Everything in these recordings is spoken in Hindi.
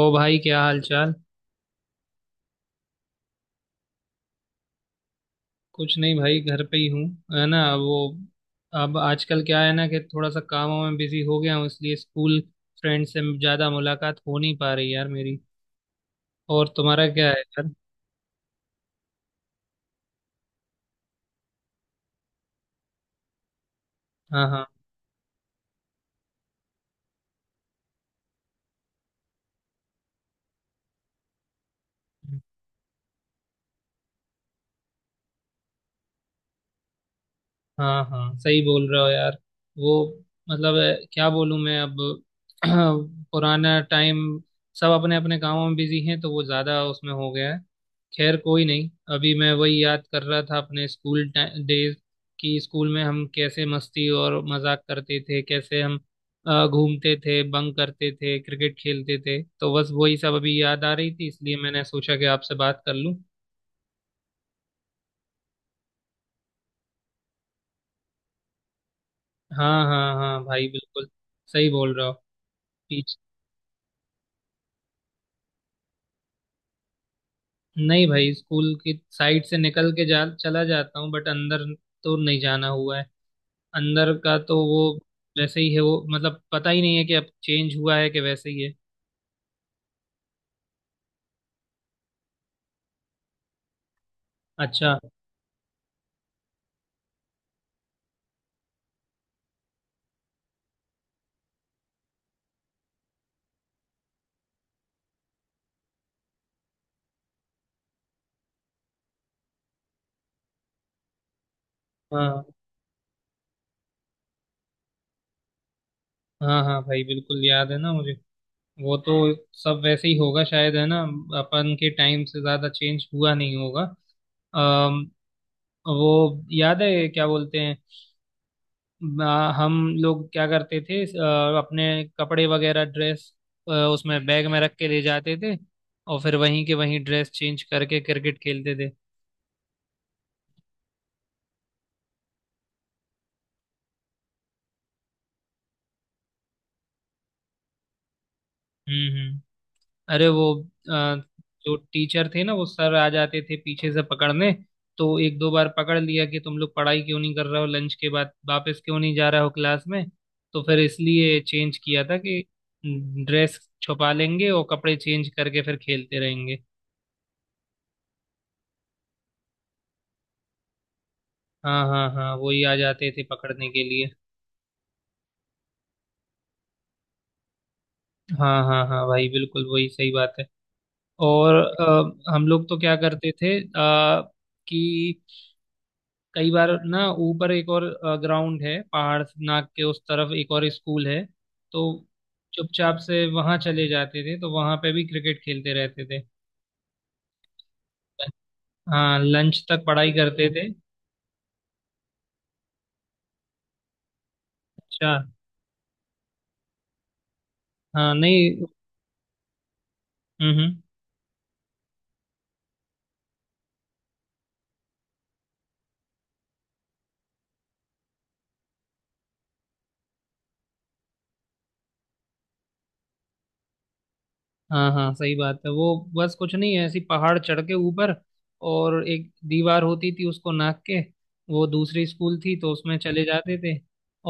ओ भाई, क्या हाल चाल। कुछ नहीं भाई, घर पे ही हूँ। है ना वो। अब आजकल क्या है ना कि थोड़ा सा कामों में बिजी हो गया हूँ, इसलिए स्कूल फ्रेंड से ज़्यादा मुलाकात हो नहीं पा रही यार मेरी। और तुम्हारा क्या है यार। हाँ हाँ, हाँ हाँ, सही बोल रहे हो यार। वो मतलब क्या बोलूँ मैं अब। पुराना टाइम। सब अपने अपने कामों में बिजी हैं, तो वो ज़्यादा उसमें हो गया है। खैर, कोई नहीं। अभी मैं वही याद कर रहा था, अपने स्कूल डेज। कि स्कूल में हम कैसे मस्ती और मजाक करते थे, कैसे हम घूमते थे, बंक करते थे, क्रिकेट खेलते थे। तो बस वही सब अभी याद आ रही थी, इसलिए मैंने सोचा कि आपसे बात कर लूँ। हाँ हाँ हाँ भाई, बिल्कुल सही बोल रहे हो। नहीं भाई, स्कूल की साइड से निकल के जा चला जाता हूँ, बट अंदर तो नहीं जाना हुआ है। अंदर का तो वो वैसे ही है वो, मतलब पता ही नहीं है कि अब चेंज हुआ है कि वैसे ही है। अच्छा। हाँ हाँ हाँ भाई, बिल्कुल याद है ना मुझे। वो तो सब वैसे ही होगा शायद, है ना। अपन के टाइम से ज़्यादा चेंज हुआ नहीं होगा। अम, वो याद है क्या बोलते हैं, हम लोग क्या करते थे, अपने कपड़े वगैरह, ड्रेस उसमें बैग में रख के ले जाते थे, और फिर वहीं के वहीं ड्रेस चेंज करके क्रिकेट खेलते थे। हम्म। अरे वो आ, जो टीचर थे ना, वो सर आ जाते थे पीछे से पकड़ने। तो एक दो बार पकड़ लिया कि तुम लोग पढ़ाई क्यों नहीं कर रहे हो, लंच के बाद वापस क्यों नहीं जा रहे हो क्लास में। तो फिर इसलिए चेंज किया था कि ड्रेस छुपा लेंगे और कपड़े चेंज करके फिर खेलते रहेंगे। हाँ हाँ हाँ, वही आ जाते थे पकड़ने के लिए। हाँ हाँ हाँ भाई बिल्कुल, वही सही बात है। और हम लोग तो क्या करते थे, कि कई बार ना ऊपर एक और ग्राउंड है, पहाड़ से नाक के उस तरफ एक और स्कूल है। तो चुपचाप से वहां चले जाते थे, तो वहां पे भी क्रिकेट खेलते रहते थे। हाँ, लंच तक पढ़ाई करते थे। अच्छा। हाँ नहीं। हम्म। हाँ हाँ, सही बात है। वो बस कुछ नहीं है, ऐसी पहाड़ चढ़ के ऊपर, और एक दीवार होती थी, उसको नाप के वो दूसरी स्कूल थी, तो उसमें चले जाते थे।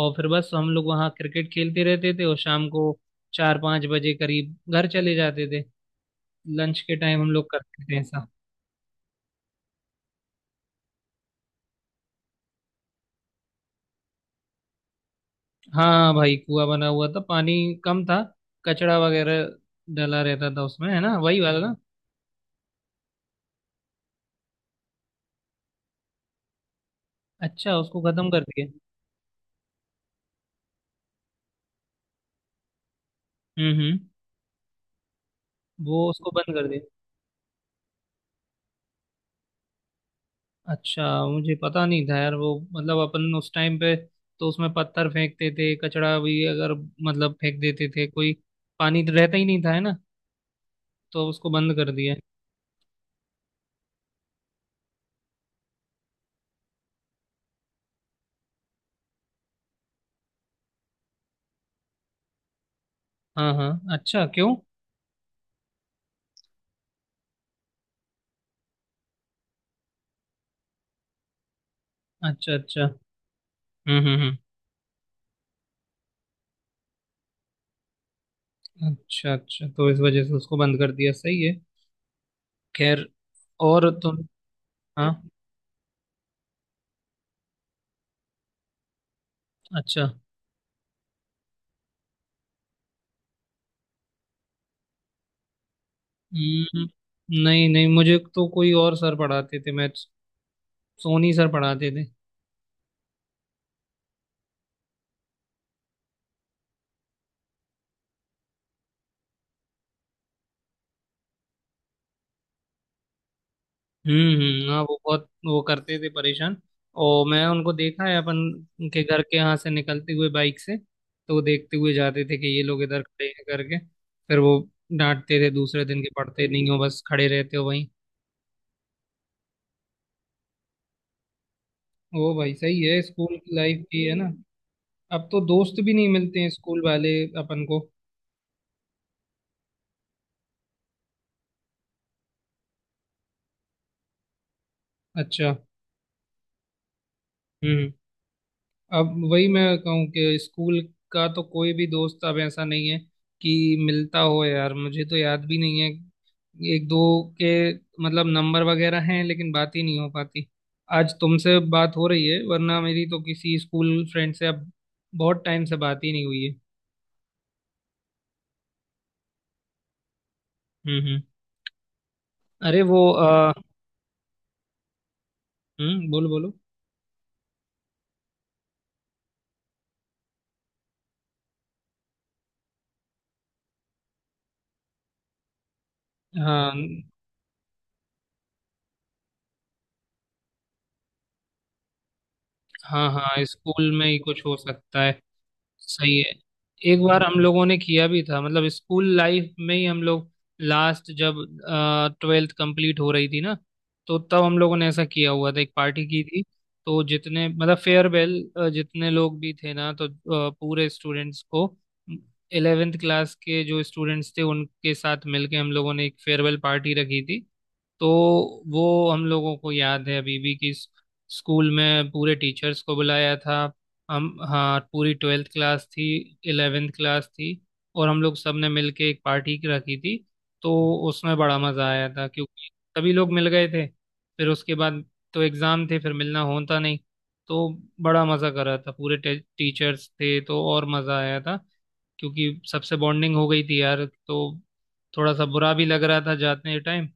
और फिर बस हम लोग वहाँ क्रिकेट खेलते रहते थे, और शाम को 4-5 बजे करीब घर चले जाते थे। लंच के टाइम हम लोग करते थे ऐसा। हाँ भाई, कुआं बना हुआ था, पानी कम था, कचड़ा वगैरह डला रहता था उसमें, है ना, वही वाला ना। अच्छा, उसको खत्म कर दिया। हम्म। वो उसको बंद कर दिया। अच्छा, मुझे पता नहीं था यार वो। मतलब अपन उस टाइम पे तो उसमें पत्थर फेंकते थे, कचड़ा भी अगर मतलब फेंक देते थे कोई। पानी तो रहता ही नहीं था, है ना, तो उसको बंद कर दिया। हाँ हाँ। अच्छा क्यों। अच्छा अच्छा। हम्म। अच्छा अच्छा, तो इस वजह से उसको बंद कर दिया। सही है। खैर, और तुम। हाँ। अच्छा। हम्म हम्म। नहीं नहीं, मुझे तो कोई और सर पढ़ाते थे मैथ्स। सोनी सर पढ़ाते थे। हाँ वो बहुत वो करते थे परेशान। और मैं उनको देखा है, अपन के घर के यहाँ से निकलते हुए बाइक से, तो वो देखते हुए जाते थे कि ये लोग इधर खड़े हैं करके। फिर वो डांटते थे दूसरे दिन के, पढ़ते नहीं हो बस खड़े रहते हो वहीं। वो भाई, सही है स्कूल की लाइफ की, है ना। अब तो दोस्त भी नहीं मिलते हैं स्कूल वाले अपन को। अच्छा। हम्म। अब वही मैं कहूँ कि स्कूल का तो कोई भी दोस्त अब ऐसा नहीं है कि मिलता हो यार। मुझे तो याद भी नहीं है। एक दो के मतलब नंबर वगैरह हैं, लेकिन बात ही नहीं हो पाती। आज तुमसे बात हो रही है, वरना मेरी तो किसी स्कूल फ्रेंड से अब बहुत टाइम से बात ही नहीं हुई है। हम्म। अरे वो हम्म, बोलो बोलो। हाँ हाँ हाँ, स्कूल में ही कुछ हो सकता है। सही है। एक बार हम लोगों ने किया भी था, मतलब स्कूल लाइफ में ही हम लोग, लास्ट जब ट्वेल्थ कंप्लीट हो रही थी ना, तो तब हम लोगों ने ऐसा किया हुआ था, एक पार्टी की थी। तो जितने मतलब फेयरवेल, जितने लोग भी थे ना, तो पूरे स्टूडेंट्स को, इलेवेंथ क्लास के जो स्टूडेंट्स थे उनके साथ मिलके हम लोगों ने एक फेयरवेल पार्टी रखी थी। तो वो हम लोगों को याद है अभी भी कि स्कूल में पूरे टीचर्स को बुलाया था। हम, हाँ पूरी ट्वेल्थ क्लास थी, इलेवेंथ क्लास थी, और हम लोग सब ने मिल के एक पार्टी रखी थी। तो उसमें बड़ा मज़ा आया था, क्योंकि सभी लोग मिल गए थे। फिर उसके बाद तो एग्ज़ाम थे, फिर मिलना होता नहीं। तो बड़ा मज़ा करा था, पूरे टीचर्स थे तो और मज़ा आया था, क्योंकि सबसे बॉन्डिंग हो गई थी यार। तो थोड़ा सा बुरा भी लग रहा था जाते टाइम,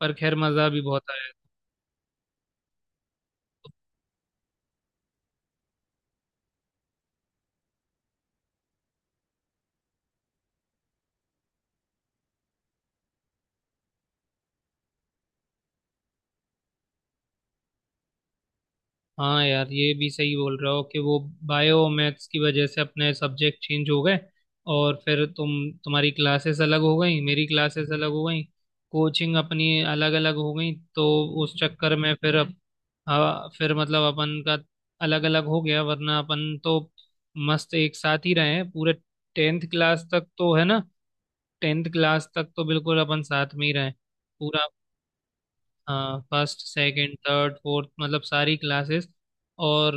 पर खैर, मज़ा भी बहुत आया। हाँ यार, ये भी सही बोल रहे हो कि वो बायो मैथ्स की वजह से अपने सब्जेक्ट चेंज हो गए, और फिर तुम, तुम्हारी क्लासेस अलग हो गई, मेरी क्लासेस अलग हो गई, कोचिंग अपनी अलग अलग हो गई। तो उस चक्कर में फिर अब, हाँ फिर मतलब अपन का अलग अलग हो गया, वरना अपन तो मस्त एक साथ ही रहे हैं पूरे टेंथ क्लास तक, तो है ना। टेंथ क्लास तक तो बिल्कुल अपन साथ में ही रहे पूरा। हाँ, फर्स्ट सेकंड थर्ड फोर्थ, मतलब सारी क्लासेस। और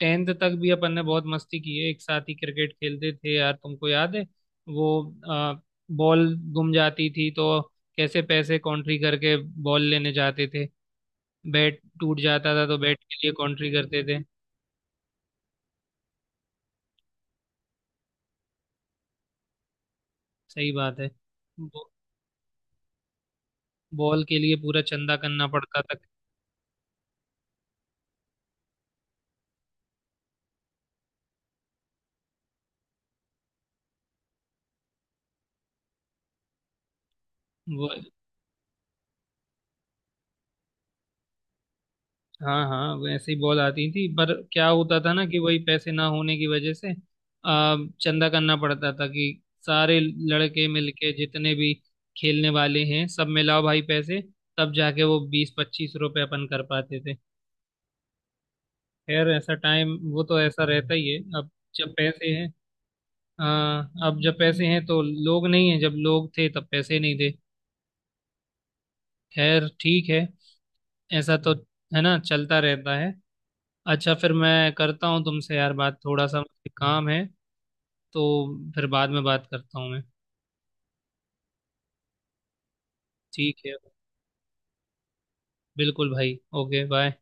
टेंथ तक भी अपन ने बहुत मस्ती की है, एक साथ ही क्रिकेट खेलते थे यार, तुमको याद है वो? आ, बॉल गुम जाती थी तो कैसे पैसे कॉन्ट्री करके बॉल लेने जाते थे। बैट टूट जाता था तो बैट के लिए कॉन्ट्री करते थे। सही बात है। बॉ- बॉल के लिए पूरा चंदा करना पड़ता था वो। हाँ हाँ, वैसे ही बॉल आती थी, पर क्या होता था ना कि वही पैसे ना होने की वजह से चंदा करना पड़ता था कि सारे लड़के मिलके, जितने भी खेलने वाले हैं, सब मिलाओ भाई पैसे। तब जाके वो 20-25 रुपए अपन कर पाते थे। खैर, ऐसा टाइम वो तो ऐसा रहता ही है। अब जब पैसे हैं, हाँ अब जब पैसे हैं तो लोग नहीं है, जब लोग थे तब पैसे नहीं थे। खैर ठीक है, ऐसा तो है ना, चलता रहता है। अच्छा, फिर मैं करता हूँ तुमसे यार बात, थोड़ा सा मुझे काम है, तो फिर बाद में बात करता हूँ मैं। ठीक है, बिल्कुल भाई, ओके बाय।